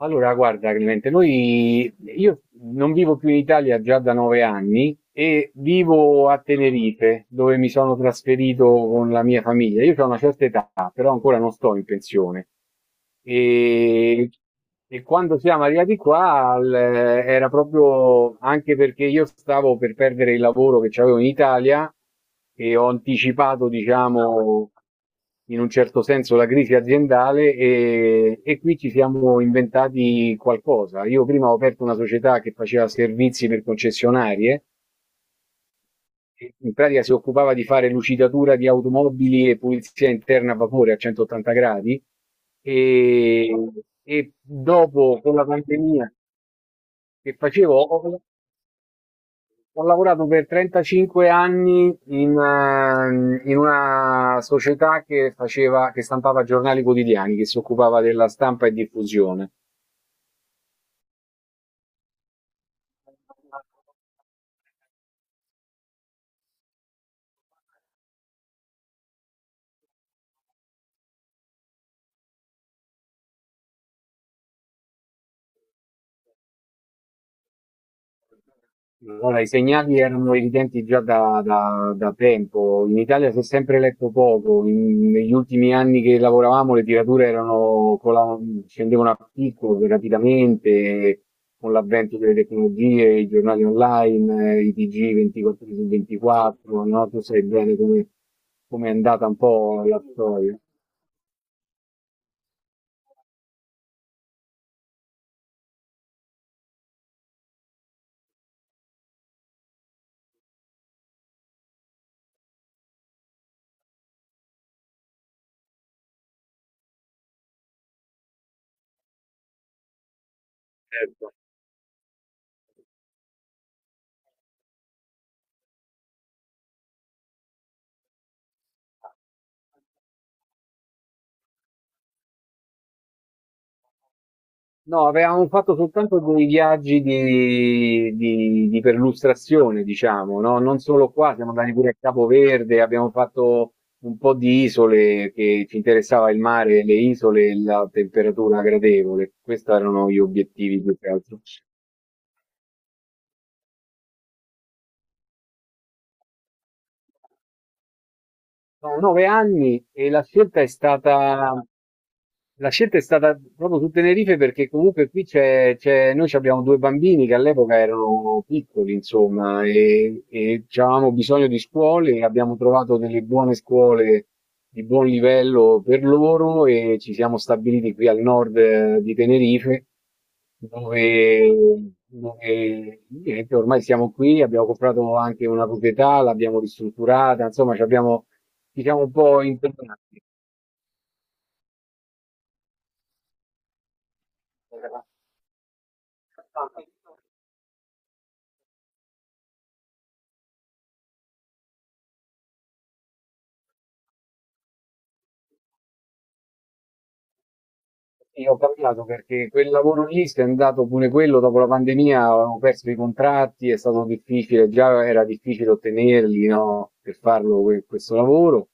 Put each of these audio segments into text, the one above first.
Allora, guarda Clemente, noi, io non vivo più in Italia già da 9 anni e vivo a Tenerife, dove mi sono trasferito con la mia famiglia. Io ho una certa età, però ancora non sto in pensione. E, e quando siamo arrivati qua, era proprio anche perché io stavo per perdere il lavoro che avevo in Italia e ho anticipato, diciamo, in un certo senso la crisi aziendale e qui ci siamo inventati qualcosa. Io prima ho aperto una società che faceva servizi per concessionarie, e in pratica si occupava di fare lucidatura di automobili e pulizia interna a vapore a 180 gradi e, e dopo con la pandemia, che facevo ho, ho lavorato per 35 anni in, in una società che faceva, che stampava giornali quotidiani, che si occupava della stampa e diffusione. Allora, i segnali erano evidenti già da tempo. In Italia si è sempre letto poco. Negli ultimi anni che lavoravamo, le tirature erano scendevano a picco rapidamente con l'avvento delle tecnologie, i giornali online, i TG 24 su 24. No? Tu sai bene come è andata un po' la storia. Certo. No, avevamo fatto soltanto dei viaggi di perlustrazione, diciamo, no? Non solo qua, siamo andati pure a Capoverde, abbiamo fatto un po' di isole che ci interessava il mare, le isole e la temperatura gradevole. Questi erano gli obiettivi più che altro. Sono 9 anni e la scelta è stata proprio su Tenerife perché comunque qui noi ci abbiamo due bambini che all'epoca erano piccoli, insomma, e avevamo bisogno di scuole e abbiamo trovato delle buone scuole di buon livello per loro e ci siamo stabiliti qui al nord, di Tenerife dove, dove niente, ormai siamo qui, abbiamo comprato anche una proprietà, l'abbiamo ristrutturata, insomma, ci abbiamo, diciamo, un po' internati. Sì, ho cambiato perché quel lavoro lì si è andato pure quello dopo la pandemia, avevamo perso i contratti, è stato difficile, già era difficile ottenerli, no, per farlo questo lavoro.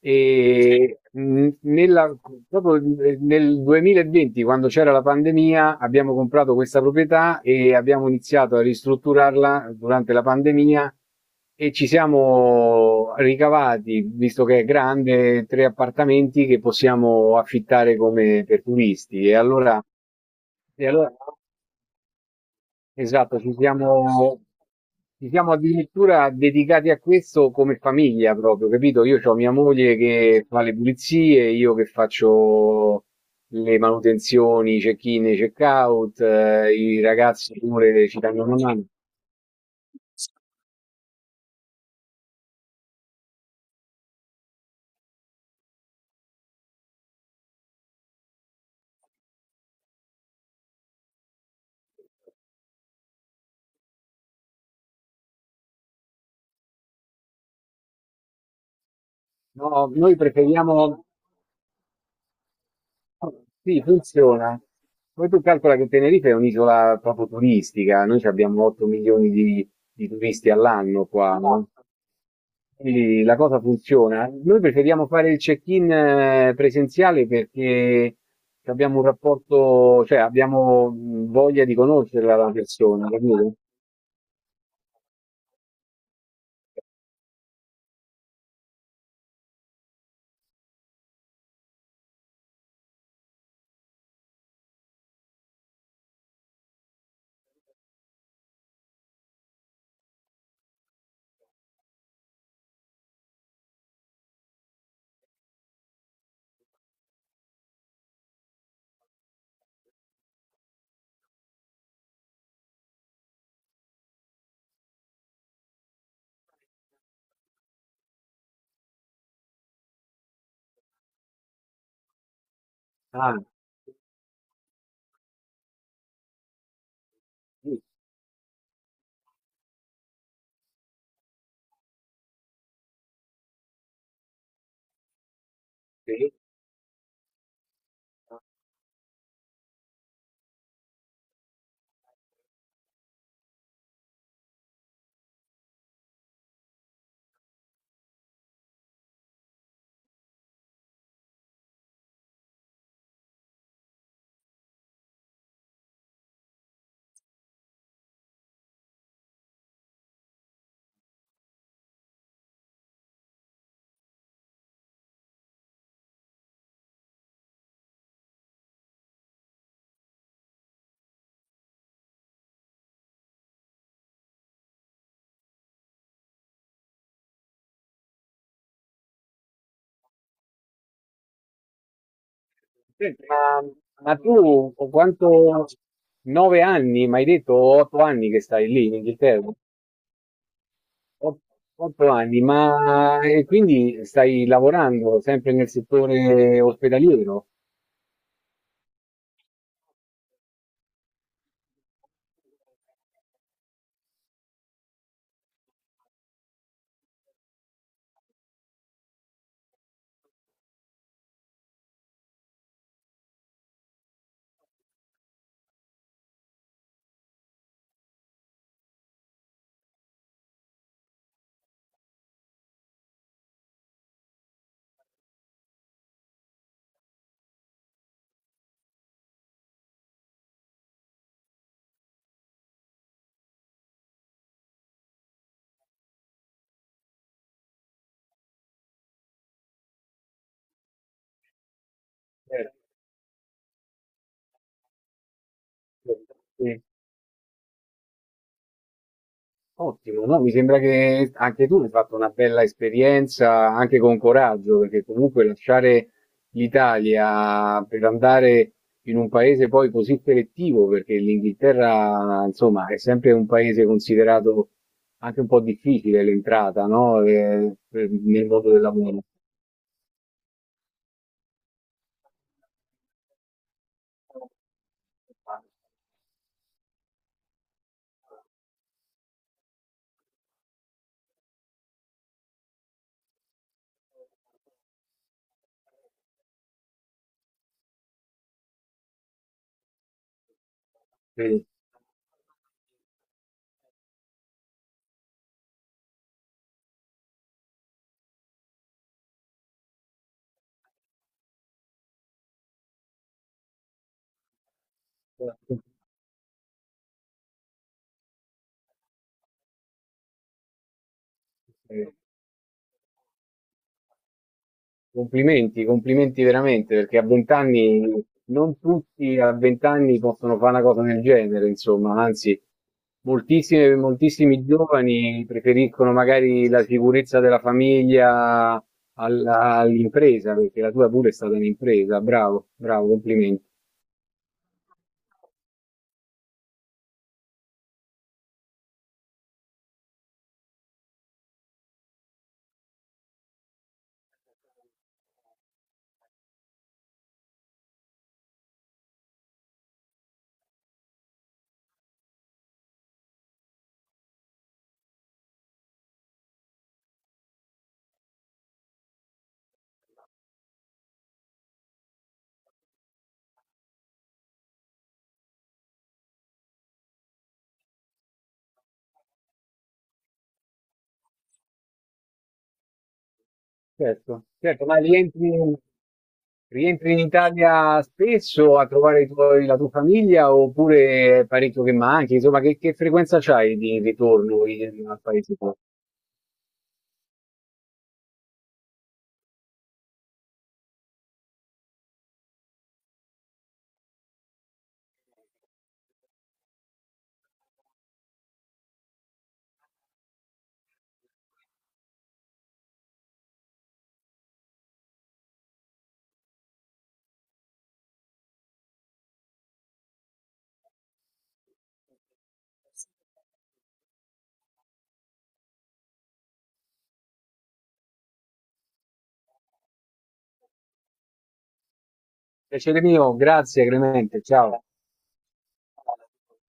E mh, nella- Proprio nel 2020, quando c'era la pandemia, abbiamo comprato questa proprietà e abbiamo iniziato a ristrutturarla durante la pandemia. E ci siamo ricavati, visto che è grande, tre appartamenti che possiamo affittare come per turisti. E allora- esatto, ci siamo addirittura dedicati a questo come famiglia proprio, capito? Io ho mia moglie che fa le pulizie, io che faccio le manutenzioni, i check-in, e i check-out, i ragazzi pure ci danno una mano. No, noi preferiamo. Sì, funziona. Poi tu calcola che Tenerife è un'isola proprio turistica, noi ci abbiamo 8 milioni di turisti all'anno qua, no? Quindi la cosa funziona. Noi preferiamo fare il check-in presenziale perché abbiamo un rapporto, cioè abbiamo voglia di conoscerla la persona, capito? Ah, sì, sì. Senti, ma tu quanto, 9 anni, mi hai detto 8 anni che stai lì in Inghilterra? Ot- Otto anni, ma e quindi stai lavorando sempre nel settore ospedaliero? Certo, certo. Sì. Ottimo, no? Mi sembra che anche tu hai fatto una bella esperienza, anche con coraggio, perché comunque lasciare l'Italia per andare in un paese poi così selettivo, perché l'Inghilterra, insomma, è sempre un paese considerato anche un po' difficile l'entrata, no? Nel mondo del lavoro. Vedi. Eh, Complimenti, complimenti veramente, perché a vent'anni non tutti a vent'anni possono fare una cosa del genere, insomma, anzi, moltissimi giovani preferiscono magari la sicurezza della famiglia all'impresa, perché la tua pure è stata un'impresa, bravo, bravo, complimenti. Certo, certo, ma rientri, in Italia spesso a trovare la tua famiglia oppure è parecchio che manchi? Insomma, che frequenza c'hai di ritorno al paese tuo? Piacere mio, grazie, Clemente, ciao.